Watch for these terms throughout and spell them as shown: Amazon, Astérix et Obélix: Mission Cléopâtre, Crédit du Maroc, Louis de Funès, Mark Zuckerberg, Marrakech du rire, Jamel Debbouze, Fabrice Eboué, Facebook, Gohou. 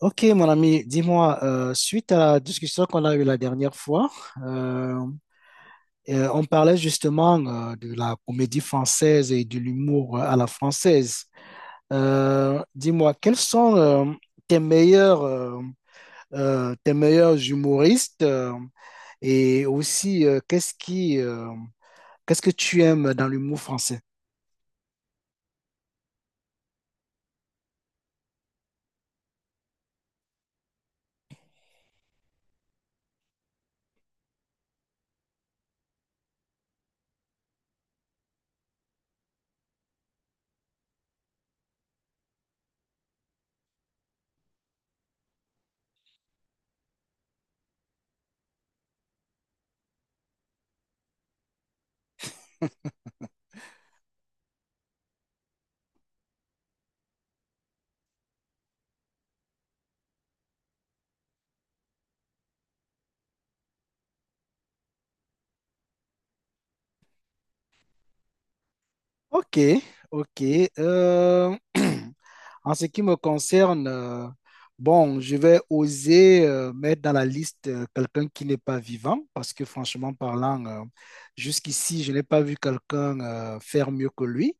Ok, mon ami, dis-moi, suite à la discussion qu'on a eue la dernière fois, euh, on parlait justement de la comédie française et de l'humour à la française. Dis-moi, quels sont tes meilleurs, euh, tes meilleurs humoristes et aussi qu'est-ce qui, qu'est-ce que tu aimes dans l'humour français? Ok, ok. Euh, en ce qui me concerne, bon, je vais oser mettre dans la liste quelqu'un qui n'est pas vivant, parce que franchement parlant, jusqu'ici, je n'ai pas vu quelqu'un faire mieux que lui.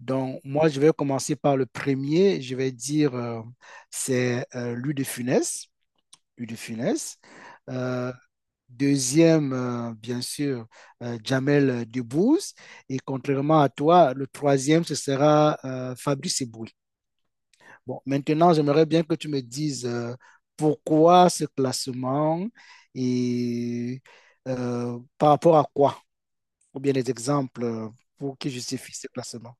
Donc, moi, je vais commencer par le premier. Je vais dire, c'est Louis de Funès. Louis de Funès. Euh, Deuxième, bien sûr, Jamel Debbouze. Et contrairement à toi, le troisième, ce sera Fabrice Eboué. Bon, maintenant, j'aimerais bien que tu me dises pourquoi ce classement et par rapport à quoi? Ou bien les exemples pour qui justifient ces placements?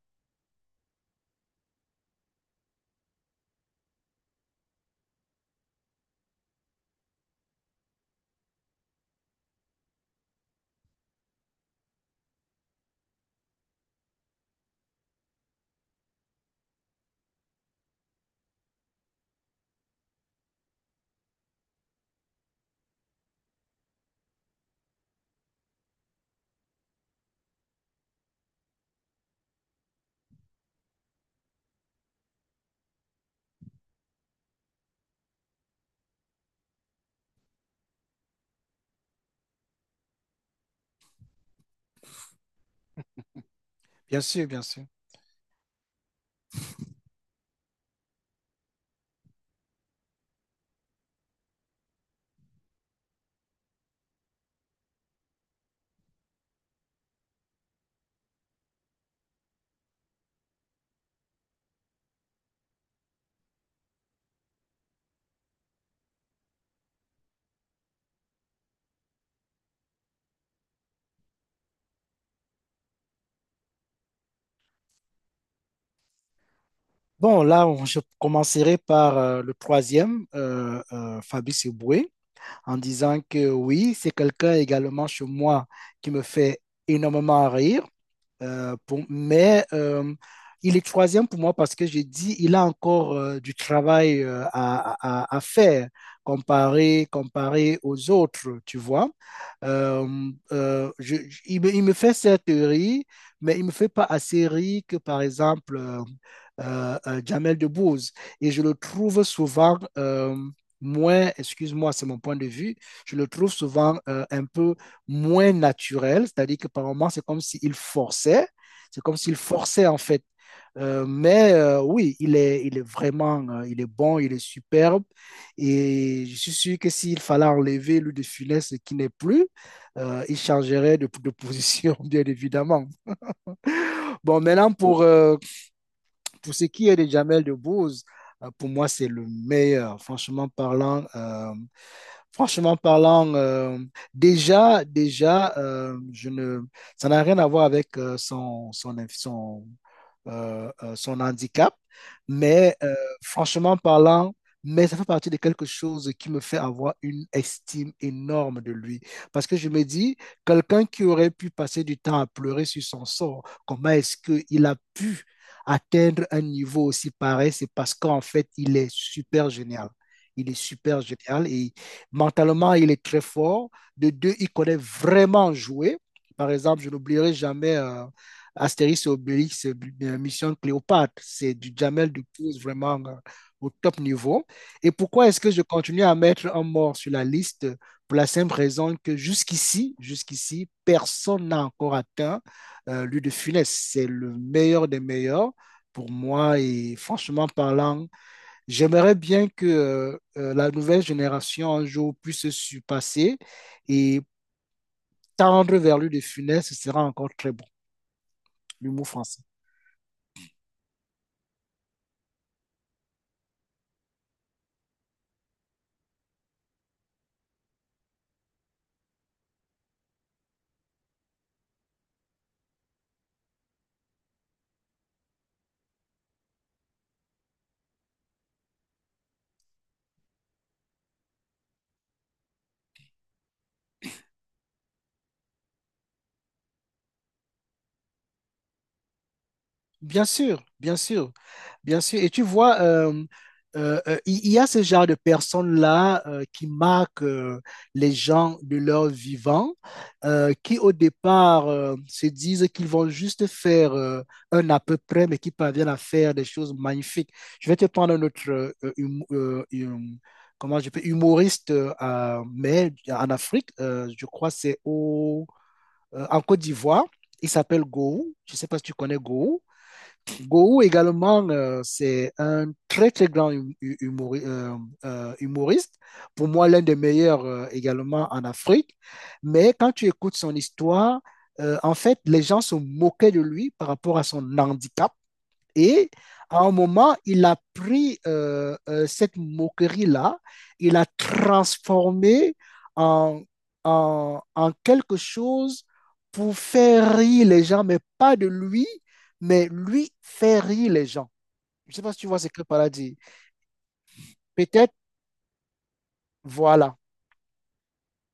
Bien sûr, bien sûr. Bon, là, je commencerai par le troisième, Fabrice Eboué, en disant que oui, c'est quelqu'un également chez moi qui me fait énormément rire. Euh, pour- mais euh, il est troisième pour moi parce que je dis il a encore du travail à, à faire comparé aux autres, tu vois. Euh, il me fait cette rire, mais il me fait pas assez rire que, par exemple, Jamel Debbouze. Et je le trouve souvent moins, excuse-moi, c'est mon point de vue, je le trouve souvent un peu moins naturel, c'est-à-dire que par moments, c'est comme s'il forçait en fait. Oui, il est vraiment, il est bon, il est superbe. Et je suis sûr que s'il fallait enlever lui de Funès, ce qui n'est plus, il changerait de position, bien évidemment. Bon, maintenant, pour ce qui est de Jamel Debbouze, pour moi, c'est le meilleur, franchement parlant. Franchement parlant, déjà, je ne, ça n'a rien à voir avec son, son handicap, mais franchement parlant, mais ça fait partie de quelque chose qui me fait avoir une estime énorme de lui. Parce que je me dis, quelqu'un qui aurait pu passer du temps à pleurer sur son sort, comment est-ce qu'il a pu atteindre un niveau aussi pareil? C'est parce qu'en fait, il est super génial. Il est super génial et mentalement, il est très fort. De deux, il connaît vraiment jouer. Par exemple, je n'oublierai jamais Astérix et Obélix, Mission Cléopâtre. C'est du Jamel Dupouze vraiment au top niveau. Et pourquoi est-ce que je continue à mettre un mort sur la liste? Pour la simple raison que jusqu'ici, personne n'a encore atteint lui de Funès. C'est le meilleur des meilleurs pour moi. Et franchement parlant, j'aimerais bien que la nouvelle génération un jour puisse se surpasser et tendre vers lui de Funès, ce sera encore très bon, l'humour français. Bien sûr, bien sûr. Bien sûr, et tu vois, il y a ce genre de personnes-là qui marquent les gens de leur vivant, qui au départ se disent qu'ils vont juste faire un à peu près, mais qui parviennent à faire des choses magnifiques. Je vais te prendre un autre comment je peux, humoriste, mais en Afrique, je crois c'est au, en Côte d'Ivoire. Il s'appelle Gou. Je ne sais pas si tu connais Gou. Gohou également, c'est un très très grand humoriste, pour moi l'un des meilleurs également en Afrique, mais quand tu écoutes son histoire, en fait, les gens se moquaient de lui par rapport à son handicap et à un moment, il a pris cette moquerie-là, il a transformé en, en quelque chose pour faire rire les gens, mais pas de lui, mais lui faire rire les gens. Je ne sais pas si tu vois ce que Pala dit. Peut-être, voilà,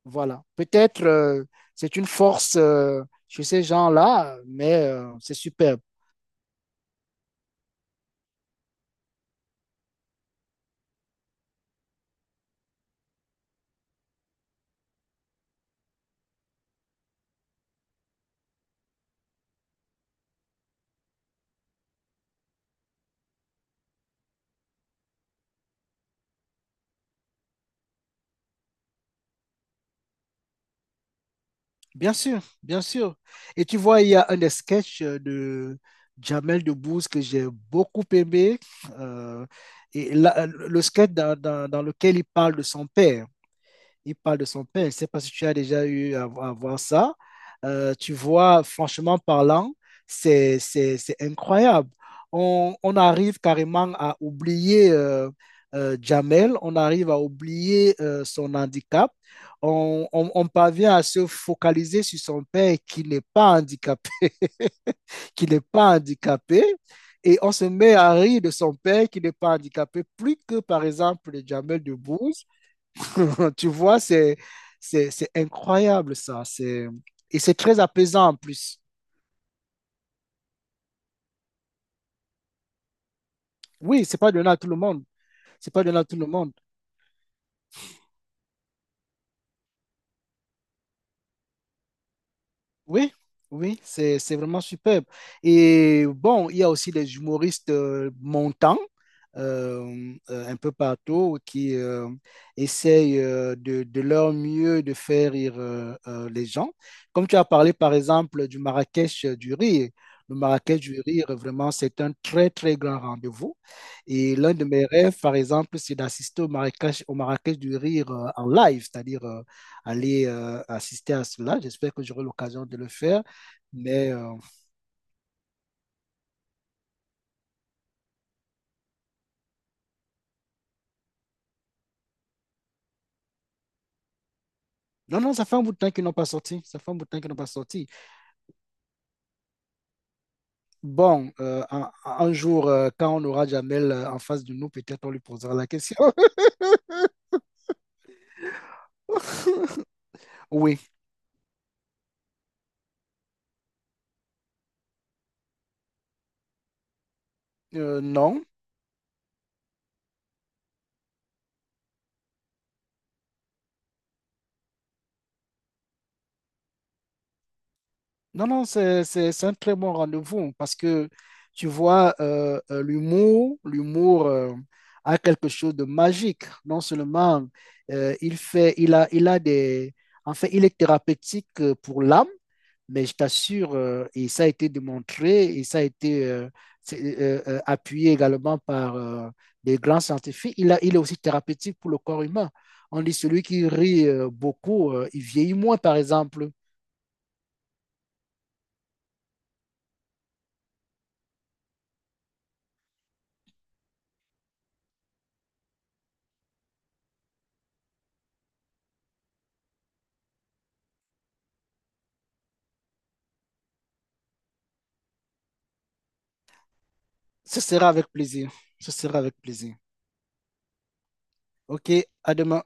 voilà. Peut-être c'est une force chez ces gens-là, mais c'est superbe. Bien sûr, bien sûr. Et tu vois, il y a un des sketchs de Jamel Debbouze que j'ai beaucoup aimé. euh, et là, le sketch dans lequel il parle de son père il parle de son père. Je ne sais pas si tu as déjà eu à voir ça. Tu vois, franchement parlant, c'est incroyable. On arrive carrément à oublier Jamel, on arrive à oublier son handicap. On parvient à se focaliser sur son père qui n'est pas handicapé, qui n'est pas handicapé. Et on se met à rire de son père qui n'est pas handicapé, plus que par exemple de Jamel Debbouze. Tu vois, c'est incroyable ça. C'est, et c'est très apaisant en plus. Oui, c'est pas donné à tout le monde. C'est pas donné à tout le monde. Oui, oui, c'est vraiment superbe. Et bon, il y a aussi des humoristes montants un peu partout qui essayent de leur mieux de faire rire les gens. Comme tu as parlé par exemple du Marrakech du rire. Le Marrakech du rire, vraiment, c'est un très, très grand rendez-vous. Et l'un de mes rêves, par exemple, c'est d'assister au Marrakech du rire en live, c'est-à-dire aller assister à cela. J'espère que j'aurai l'occasion de le faire. Mais non, non, ça fait un bout de temps qu'ils n'ont pas sorti. Ça fait un bout de temps qu'ils n'ont pas sorti. Bon, un jour, quand on aura Jamel en face de nous, peut-être on lui posera la question. Oui, non, non, non, c'est un très bon rendez-vous parce que tu vois, l'humour a quelque chose de magique. Non seulement il a des, en fait, il est thérapeutique pour l'âme, mais je t'assure, et ça a été démontré, et ça a été appuyé également par des grands scientifiques, il est aussi thérapeutique pour le corps humain. On dit celui qui rit beaucoup, il vieillit moins, par exemple. Ce sera avec plaisir. Ce sera avec plaisir. OK, à demain.